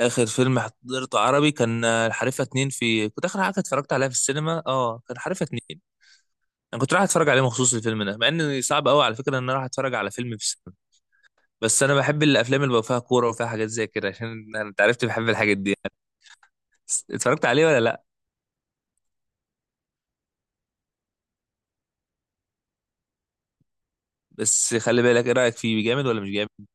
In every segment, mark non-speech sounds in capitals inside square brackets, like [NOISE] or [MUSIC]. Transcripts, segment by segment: اخر فيلم حضرته عربي كان الحريفه اتنين. في كنت اخر حاجه اتفرجت عليها في السينما، كان الحريفه اتنين. انا كنت رايح اتفرج عليه مخصوص الفيلم ده، مع ان صعب قوي على فكره ان انا رايح اتفرج على فيلم في السينما. بس انا بحب الافلام اللي بقى فيها كوره وفيها حاجات زي كده، عشان انت عرفت بحب الحاجات دي يعني. بس اتفرجت عليه ولا لا؟ بس خلي بالك، ايه رايك فيه، جامد ولا مش جامد؟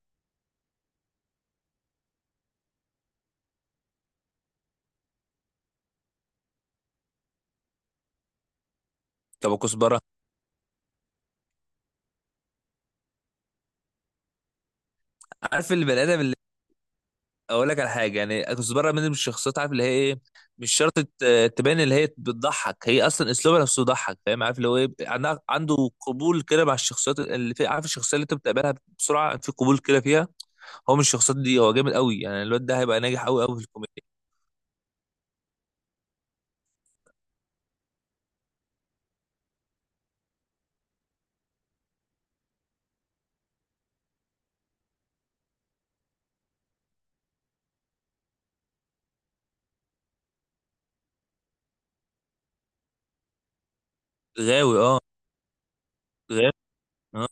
طب كزبره؟ عارف البني ادم، اقول لك على حاجه. يعني كنت بره من الشخصيات، عارف اللي هي ايه. مش شرط تبان اللي هي بتضحك، هي اصلا اسلوبها نفسه يضحك، فاهم؟ عارف اللي هو ايه، عنده قبول كده مع الشخصيات اللي في. عارف الشخصيه اللي انت بتقابلها بسرعه، في قبول كده فيها، هو من الشخصيات دي. هو جامد قوي، يعني الواد ده هيبقى ناجح قوي قوي في الكوميديا. غاوي، اه، غاوي، آه.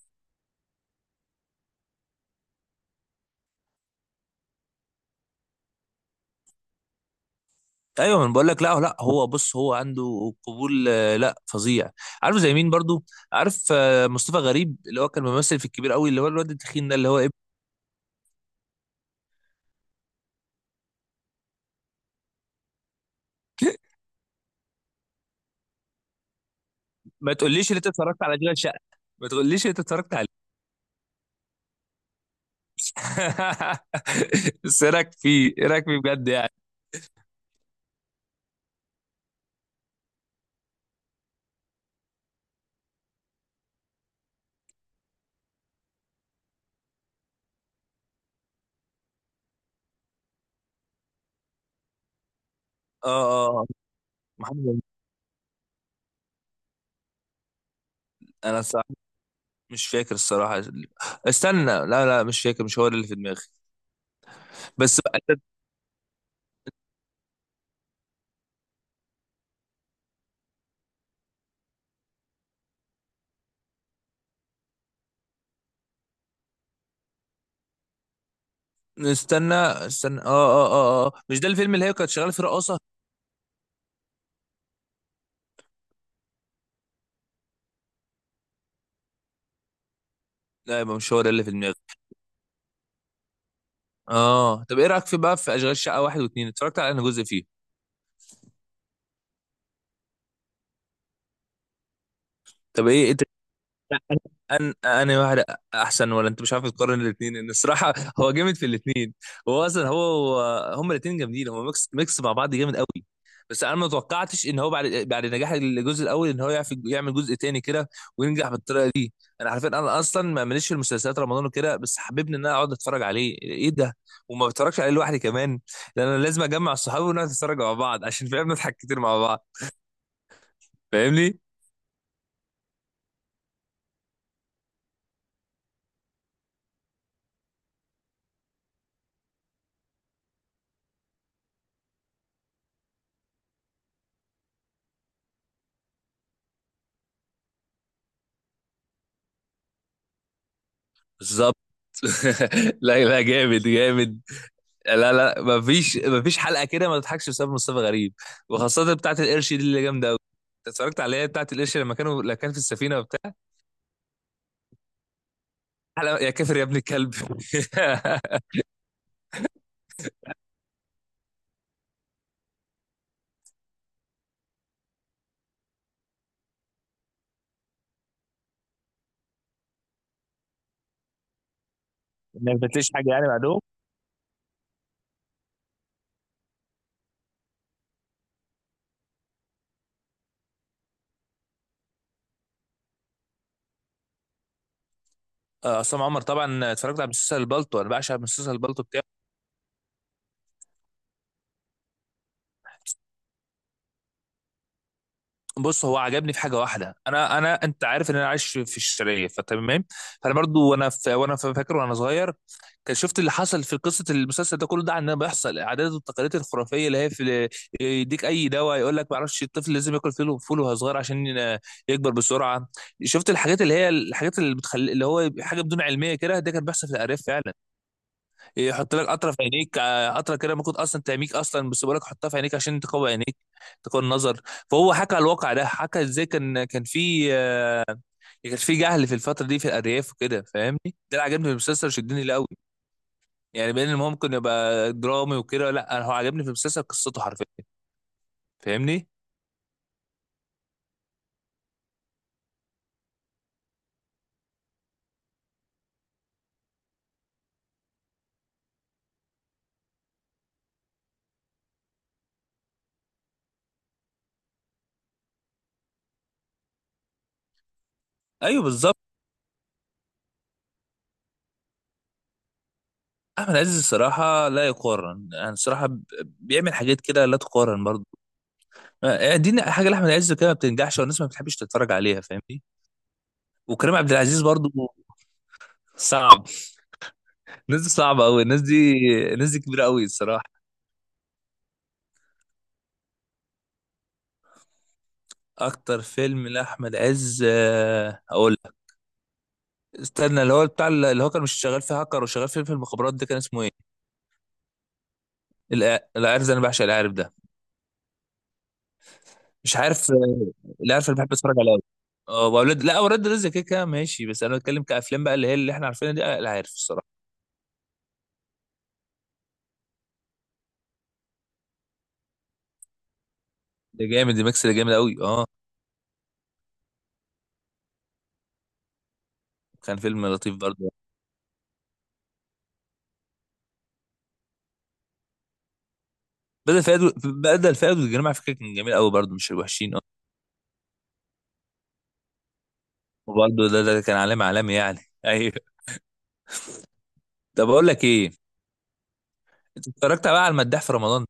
ايوه انا بقول لك، لا لا، هو بص، هو عنده قبول، لا فظيع. عارف زي مين برضو؟ عارف، مصطفى غريب، اللي هو كان ممثل في الكبير قوي، اللي هو الواد التخين ده اللي هو إيه؟ ما تقوليش ان انت اتفرجت على اشغال شقه، ما تقوليش ان انت اتفرجت عليه. [LAUGHS] بس ايه رايك فيه، ايه رايك فيه بجد يعني؟ اه اه، محمد هنيدي. انا الصراحه مش فاكر الصراحه. استنى، لا لا، مش فاكر، مش هو اللي في دماغي. بس بقى استنى استنى، اه اه اه اه، مش ده الفيلم اللي هي كانت شغاله فيه رقاصه. لا يبقى مش هو ده اللي في دماغي. اه طب ايه رايك في بقى في اشغال شقه واحد واثنين؟ اتفرجت على انا جزء فيه. طب ايه، أنا واحد أحسن ولا أنت مش عارف تقارن الاثنين؟ إن الصراحة [LAUGHS] هو جامد في الاثنين. هو أصلا هو، هما الاثنين جامدين، هو ميكس ميكس مع بعض جامد قوي. بس أنا ما توقعتش إن هو بعد نجاح الجزء الأول إن هو يعرف يعمل جزء تاني كده وينجح بالطريقة دي. أنا عارفين، أنا أصلا ما ماليش في المسلسلات رمضان وكده، بس حبيبني إن أنا أقعد أتفرج عليه، إيه ده! وما بتفرجش عليه لوحدي كمان، لأن أنا لازم أجمع صحابي ونقعد نتفرج مع بعض عشان فاهم نضحك كتير مع بعض. فاهمني؟ بالظبط. [LAUGHS] لا لا جامد جامد، لا لا مفيش حلقه كده ما تضحكش بسبب مصطفى غريب، وخاصه بتاعه القرش دي اللي جامده قوي. انت اتفرجت عليها بتاعه القرش، لما كانوا لما كان في السفينه وبتاع حلقه يا كافر يا ابن الكلب. [LAUGHS] ما فاتليش حاجه يعني بعدهم. عصام عمر طبعا اتفرجت على مسلسل البلطو، انا بعشق مسلسل البلطو بتاعه. بص هو عجبني في حاجه واحده، انا انا انت عارف ان انا عايش في الشرقيه فتمام. فانا برضو فاكر وانا صغير، كان شفت اللي حصل في قصه المسلسل ده كله. ده عندنا بيحصل، العادات والتقاليد الخرافيه اللي هي في، يديك اي دواء، يقول لك ما اعرفش الطفل لازم ياكل فول فول وهو صغير عشان يكبر بسرعه. شفت الحاجات اللي هي الحاجات اللي بتخلي اللي هو حاجه بدون علميه كده، ده كان بيحصل في الارياف فعلا. يحط لك قطره في عينيك، قطره كده ممكن اصلا تعميك اصلا، بس بيقول لك حطها في عينيك عشان تقوي عينيك، تقوي النظر. فهو حكى على الواقع ده، حكى ازاي كان في، كان في جهل في الفتره دي في الارياف وكده، فاهمني؟ ده اللي عجبني في المسلسل، شدني ليه قوي، يعني بين ان هو ممكن يبقى درامي وكده، لا انا هو عجبني في المسلسل قصته حرفيا. فاهمني. ايوه بالظبط. احمد عز الصراحه لا يقارن، يعني الصراحه بيعمل حاجات كده لا تقارن برضه. يعني دي حاجه لاحمد عز كده ما بتنجحش، والناس ما بتحبش تتفرج عليها، فاهمني؟ وكريم عبد العزيز برضو صعب، الناس دي صعبة أوي، الناس دي، الناس دي كبيرة أوي الصراحة. أكتر فيلم لأحمد عز، أقول لك. استنى، اللي هو بتاع اللي هو كان مش شغال فيه هاكر وشغال فيه في المخابرات ده، كان اسمه إيه؟ العارف ده، أنا بعشق العارف ده. مش عارف، العارف اللي بحب أتفرج عليه أوي، أه. وأولاد، لا، أولاد رزق كده كده ماشي، بس أنا بتكلم كأفلام بقى اللي هي اللي إحنا عارفينها دي، العارف الصراحة. ده جامد، دي ميكس، ده جامد أوي أه. كان فيلم لطيف برضه. بدل فؤاد، بدل فؤاد والجريمة على فكرة كان جميل أوي برضه، مش الوحشين أه. وبرضه ده ده كان علامة علامة، يعني [LAUGHS] أيوه. طب اقول لك ايه، انت اتفرجت بقى على المداح في رمضان؟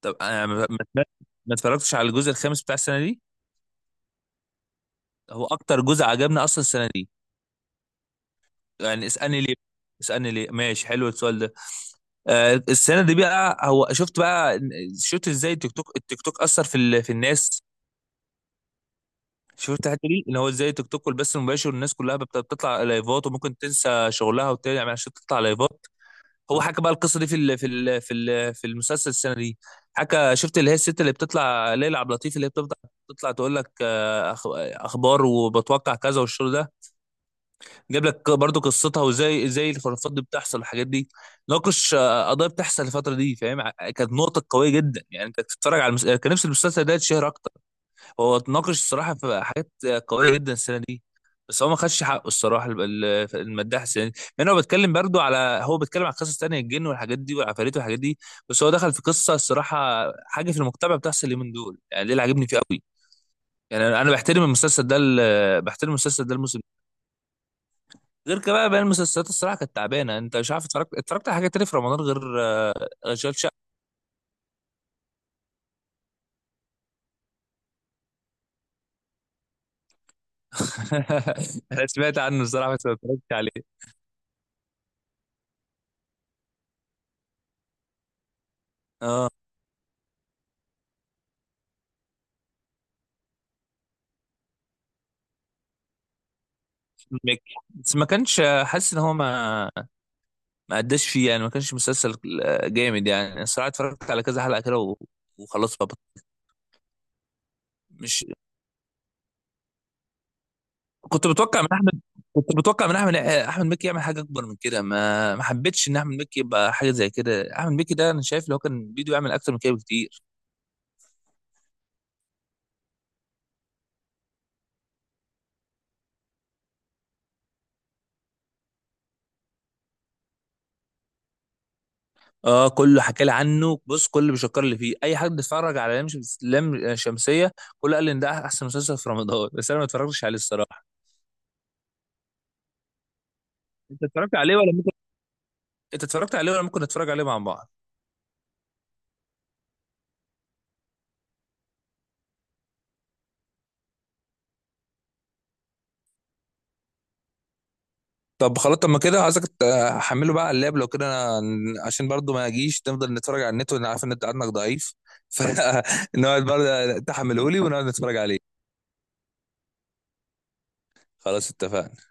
طب انا ما- ما اتفرجتش على الجزء الخامس بتاع السنه دي. هو اكتر جزء عجبني اصلا السنه دي. يعني اسالني ليه، اسالني ليه، ماشي حلو السؤال ده. آه السنه دي بقى، هو شفت بقى، شفت ازاي التيك توك اثر في الناس؟ شفت الحته دي، ان هو ازاي التيك توك والبث المباشر الناس كلها بتطلع لايفات وممكن تنسى شغلها وتعمل عشان تطلع لايفات. هو حكى بقى القصه دي في المسلسل السنه دي. حكى، شفت اللي هي الست اللي بتطلع، ليلى عبد اللطيف، اللي هي بتطلع بتطلع تقول لك، اخبار وبتوقع كذا والشغل ده. جاب لك برضو قصتها، وازاي ازاي الخرافات دي بتحصل والحاجات دي. ناقش، قضايا بتحصل الفتره دي، فاهم، كانت نقطه قويه جدا. يعني انت بتتفرج على كان نفس المسلسل ده يتشهر اكتر. هو اتناقش الصراحه في حاجات قويه جدا السنه دي، بس هو ما خدش حقه الصراحه، المداح السنه دي. لان هو بيتكلم برضو على، هو بيتكلم عن قصص تانية، الجن والحاجات دي والعفاريت والحاجات دي، بس هو دخل في قصه الصراحه حاجه في المجتمع بتحصل اليومين دول، يعني ده اللي عاجبني فيه قوي. يعني أنا بحترم المسلسل ده، بحترم المسلسل ده الموسم ده. غير كده بقى، باقي المسلسلات الصراحه كانت تعبانه. انت مش عارف اتفرجت على حاجه تانية في رمضان غير، غير اشغال شقه؟ [LAUGHS] انا سمعت عنه الصراحه بس ما اتفرجتش عليه. اه ميك. بس ما كانش حاسس ان هو ما قداش فيه يعني، ما كانش مسلسل جامد يعني الصراحه. اتفرجت على كذا حلقه كده وخلاص بقى، مش كنت متوقع من احمد كنت متوقع من احمد احمد مكي يعمل حاجه اكبر من كده. ما حبيتش ان احمد مكي يبقى حاجه زي كده، احمد مكي ده انا شايف لو كان بيدو يعمل اكتر من كده بكتير. اه كله حكى لي عنه، بص كله بيشكر لي فيه، اي حد اتفرج على لام شمسيه، كله قال لي ان ده احسن مسلسل في رمضان، بس انا ما اتفرجتش عليه الصراحه. انت اتفرجت عليه ولا ممكن انت اتفرجت عليه ولا ممكن نتفرج عليه مع بعض؟ طب خلاص، طب ما كده عايزك تحمله بقى على اللاب لو كده، أنا عشان برضو ما اجيش نفضل نتفرج على النت، وانا عارف ان انت عندك ضعيف. [LAUGHS] فنقعد برضه تحمله لي ونقعد نتفرج عليه. خلاص اتفقنا.